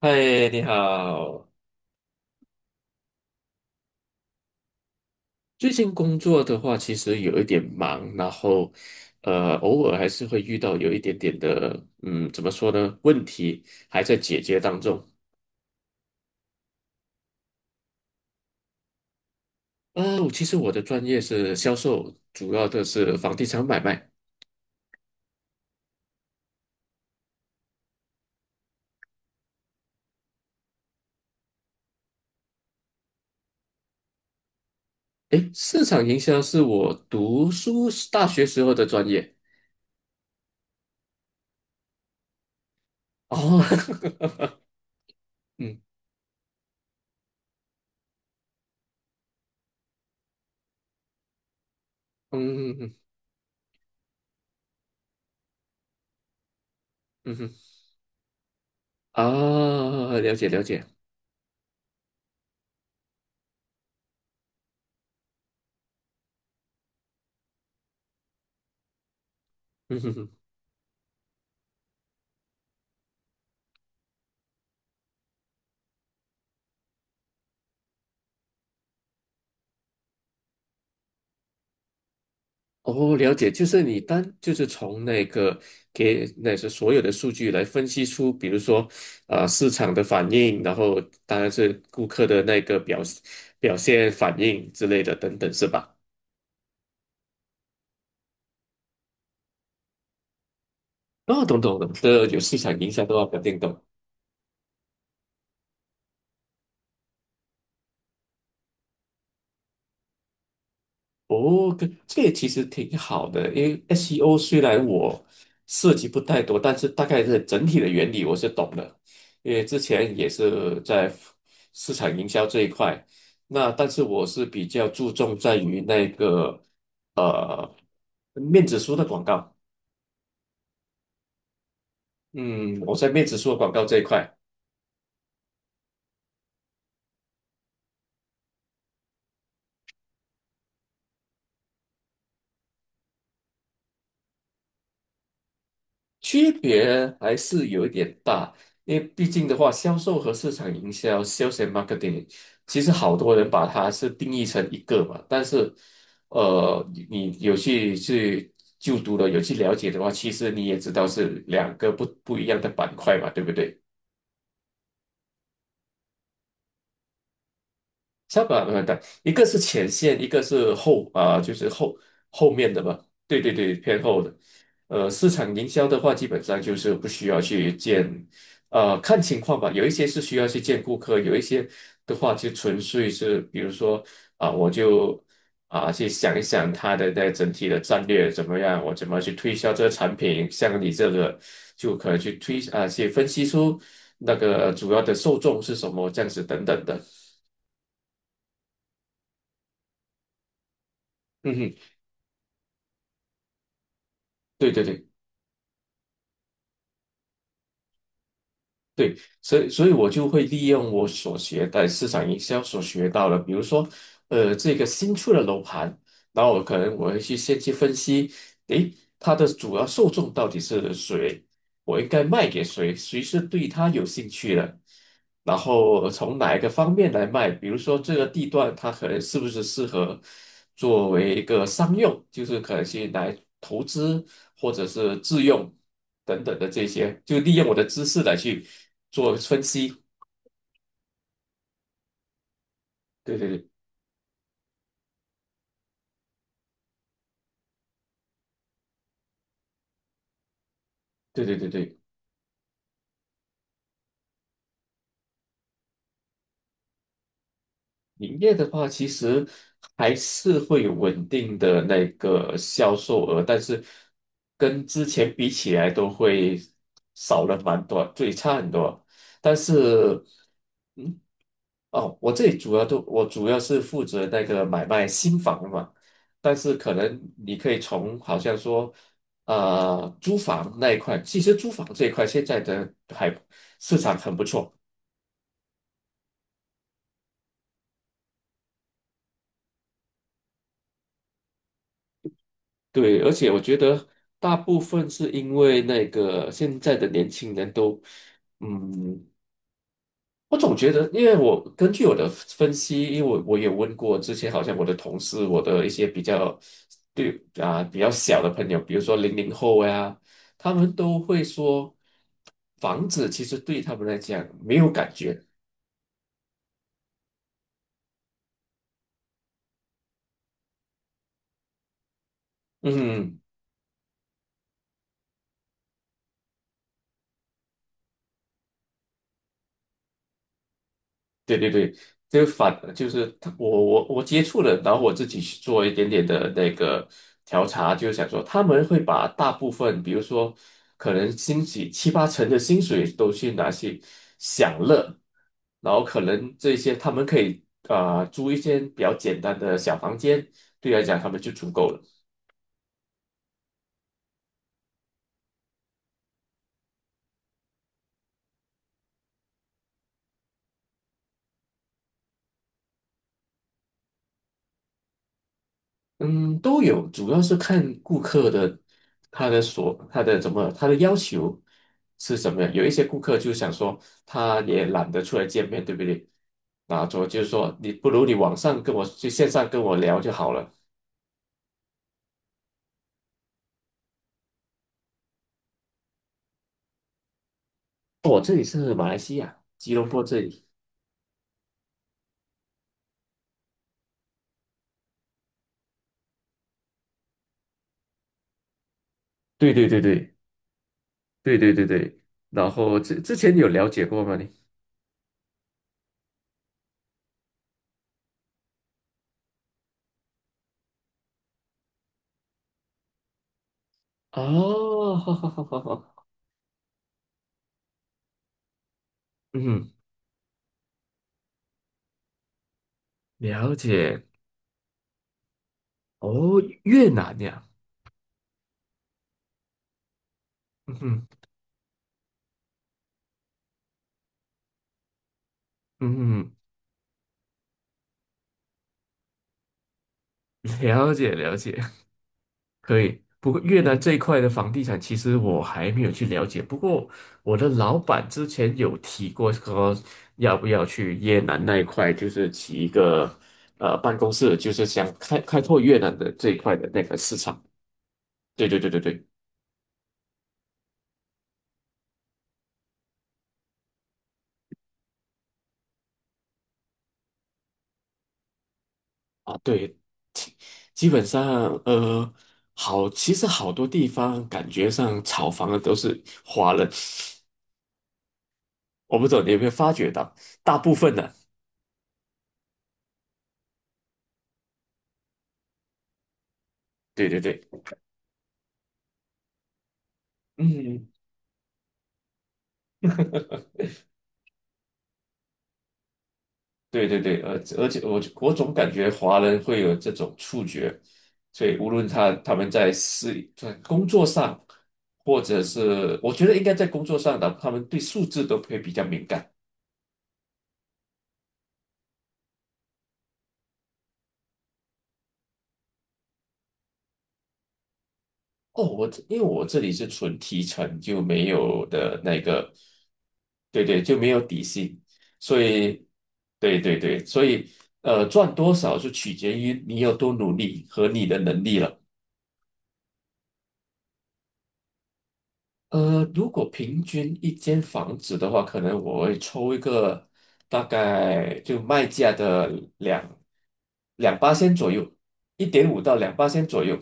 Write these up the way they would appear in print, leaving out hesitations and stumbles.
嗨，你好。最近工作的话，其实有一点忙，然后，偶尔还是会遇到有一点点的，怎么说呢？问题还在解决当中。我其实的专业是销售，主要的是房地产买卖。诶，市场营销是我读书时大学时候的专业。哦，嗯嗯嗯嗯嗯，啊，了解了解，嗯哼哼。哦，了解，就是你单就是从那个给那是所有的数据来分析出，比如说，市场的反应，然后当然是顾客的那个表现反应之类的等等，是吧？哦，懂懂懂，这有市场营销都要搞定懂。哦，跟这个也其实挺好的，因为 SEO 虽然我涉及不太多，但是大概是整体的原理我是懂的，因为之前也是在市场营销这一块。那但是我是比较注重在于那个呃面子书的广告，嗯，我在面子书的广告这一块。区别还是有一点大，因为毕竟的话，销售和市场营销 （(sales and marketing) 其实好多人把它是定义成一个嘛，但是，你有去就读了，有去了解的话，其实你也知道是两个不一样的板块嘛，对不对？三把轮带，一个是前线，一个是后啊、就是后面的吧。对对对，偏后的。市场营销的话，基本上就是不需要去见，看情况吧。有一些是需要去见顾客，有一些的话就纯粹是，比如说我就去想一想他的那整体的战略怎么样，我怎么去推销这个产品。像你这个，就可能去推啊、去分析出那个主要的受众是什么，这样子等等的。嗯哼。对对对对，所以我就会利用我所学的市场营销所学到的，比如说，这个新出的楼盘，然后我可能会去先去分析，诶，它的主要受众到底是谁，我应该卖给谁，谁是对它有兴趣的，然后从哪一个方面来卖？比如说这个地段，它可能是不是适合作为一个商用，就是可能去来投资或者是自用等等的这些，就利用我的知识来去做分析。对对对对对对对。营业的话，其实还是会有稳定的那个销售额，但是跟之前比起来都会少了蛮多，最差很多。但是，嗯，哦，我这里主要是负责那个买卖新房的嘛，但是可能你可以从好像说，租房那一块，其实租房这一块现在的还市场很不错。对，而且我觉得大部分是因为那个现在的年轻人都，嗯，我总觉得，因为我根据我的分析，因为我也问过之前好像我的同事，我的一些比较对啊比较小的朋友，比如说00后呀，他们都会说，房子其实对他们来讲没有感觉，嗯。对对对，就就是他，我接触了，然后我自己去做一点点的那个调查，就是想说他们会把大部分，比如说可能薪水七八成的薪水都去拿去享乐，然后可能这些他们可以租一间比较简单的小房间，对来讲他们就足够了。嗯，都有，主要是看顾客的他的所他的怎么他的要求是什么样。有一些顾客就想说，他也懒得出来见面，对不对？那我就是说，你不如你网上跟我去线上跟我聊就好了。我这里是马来西亚吉隆坡这里。对对对对对对对对。然后之前有了解过吗你？哦，好好好好好，嗯，了解。哦，越南呀，嗯哼，嗯哼，了解了解。可以，不过越南这一块的房地产，其实我还没有去了解。不过我的老板之前有提过，说要不要去越南那一块，就是起一个办公室，就是想开拓越南的这一块的那个市场。对对对对对，啊对，基本上呃好，其实好多地方感觉上炒房的都是华人，我不懂你有没有发觉到，大部分呢、对对对，嗯。对对对，而且我总感觉华人会有这种触觉，所以无论他们在私在工作上，或者是我觉得应该在工作上的，他们对数字都会比较敏感。哦，因为我这里是纯提成，就没有的那个，对对，就没有底薪，所以对对对，所以赚多少就取决于你有多努力和你的能力了。如果平均一间房子的话，可能我会抽一个大概就卖价的两两八千左右，1.5到两八千左右。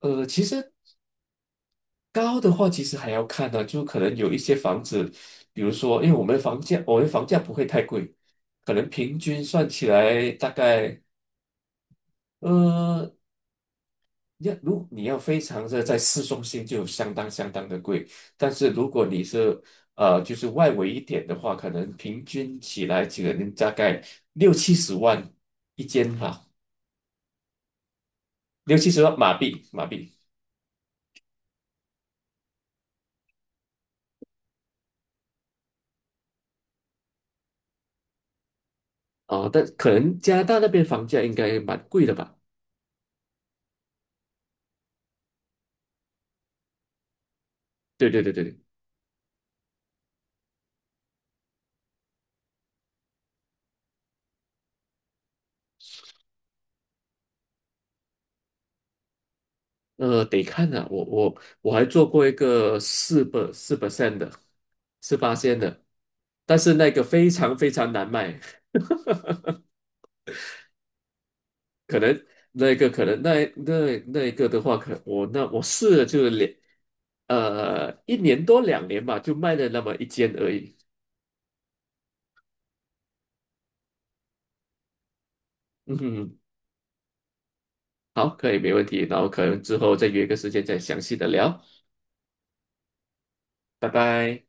其实高的话，其实还要看呢、就可能有一些房子，比如说，因为我们房价不会太贵，可能平均算起来大概，呃，你要非常的在市中心就相当相当的贵，但是如果你是就是外围一点的话，可能平均起来可能大概六七十万一间吧，六七十万马币。哦，但可能加拿大那边房价应该蛮贵的吧？对对对对对，得看啊，我还做过一个4% 的，四八线的，但是那个非常非常难卖。可能那一个可能那那那一个的话，可我那我试了就是一年多两年吧，就卖了那么一间而已。嗯哼，好，可以，没问题。然后可能之后再约个时间再详细的聊，拜拜。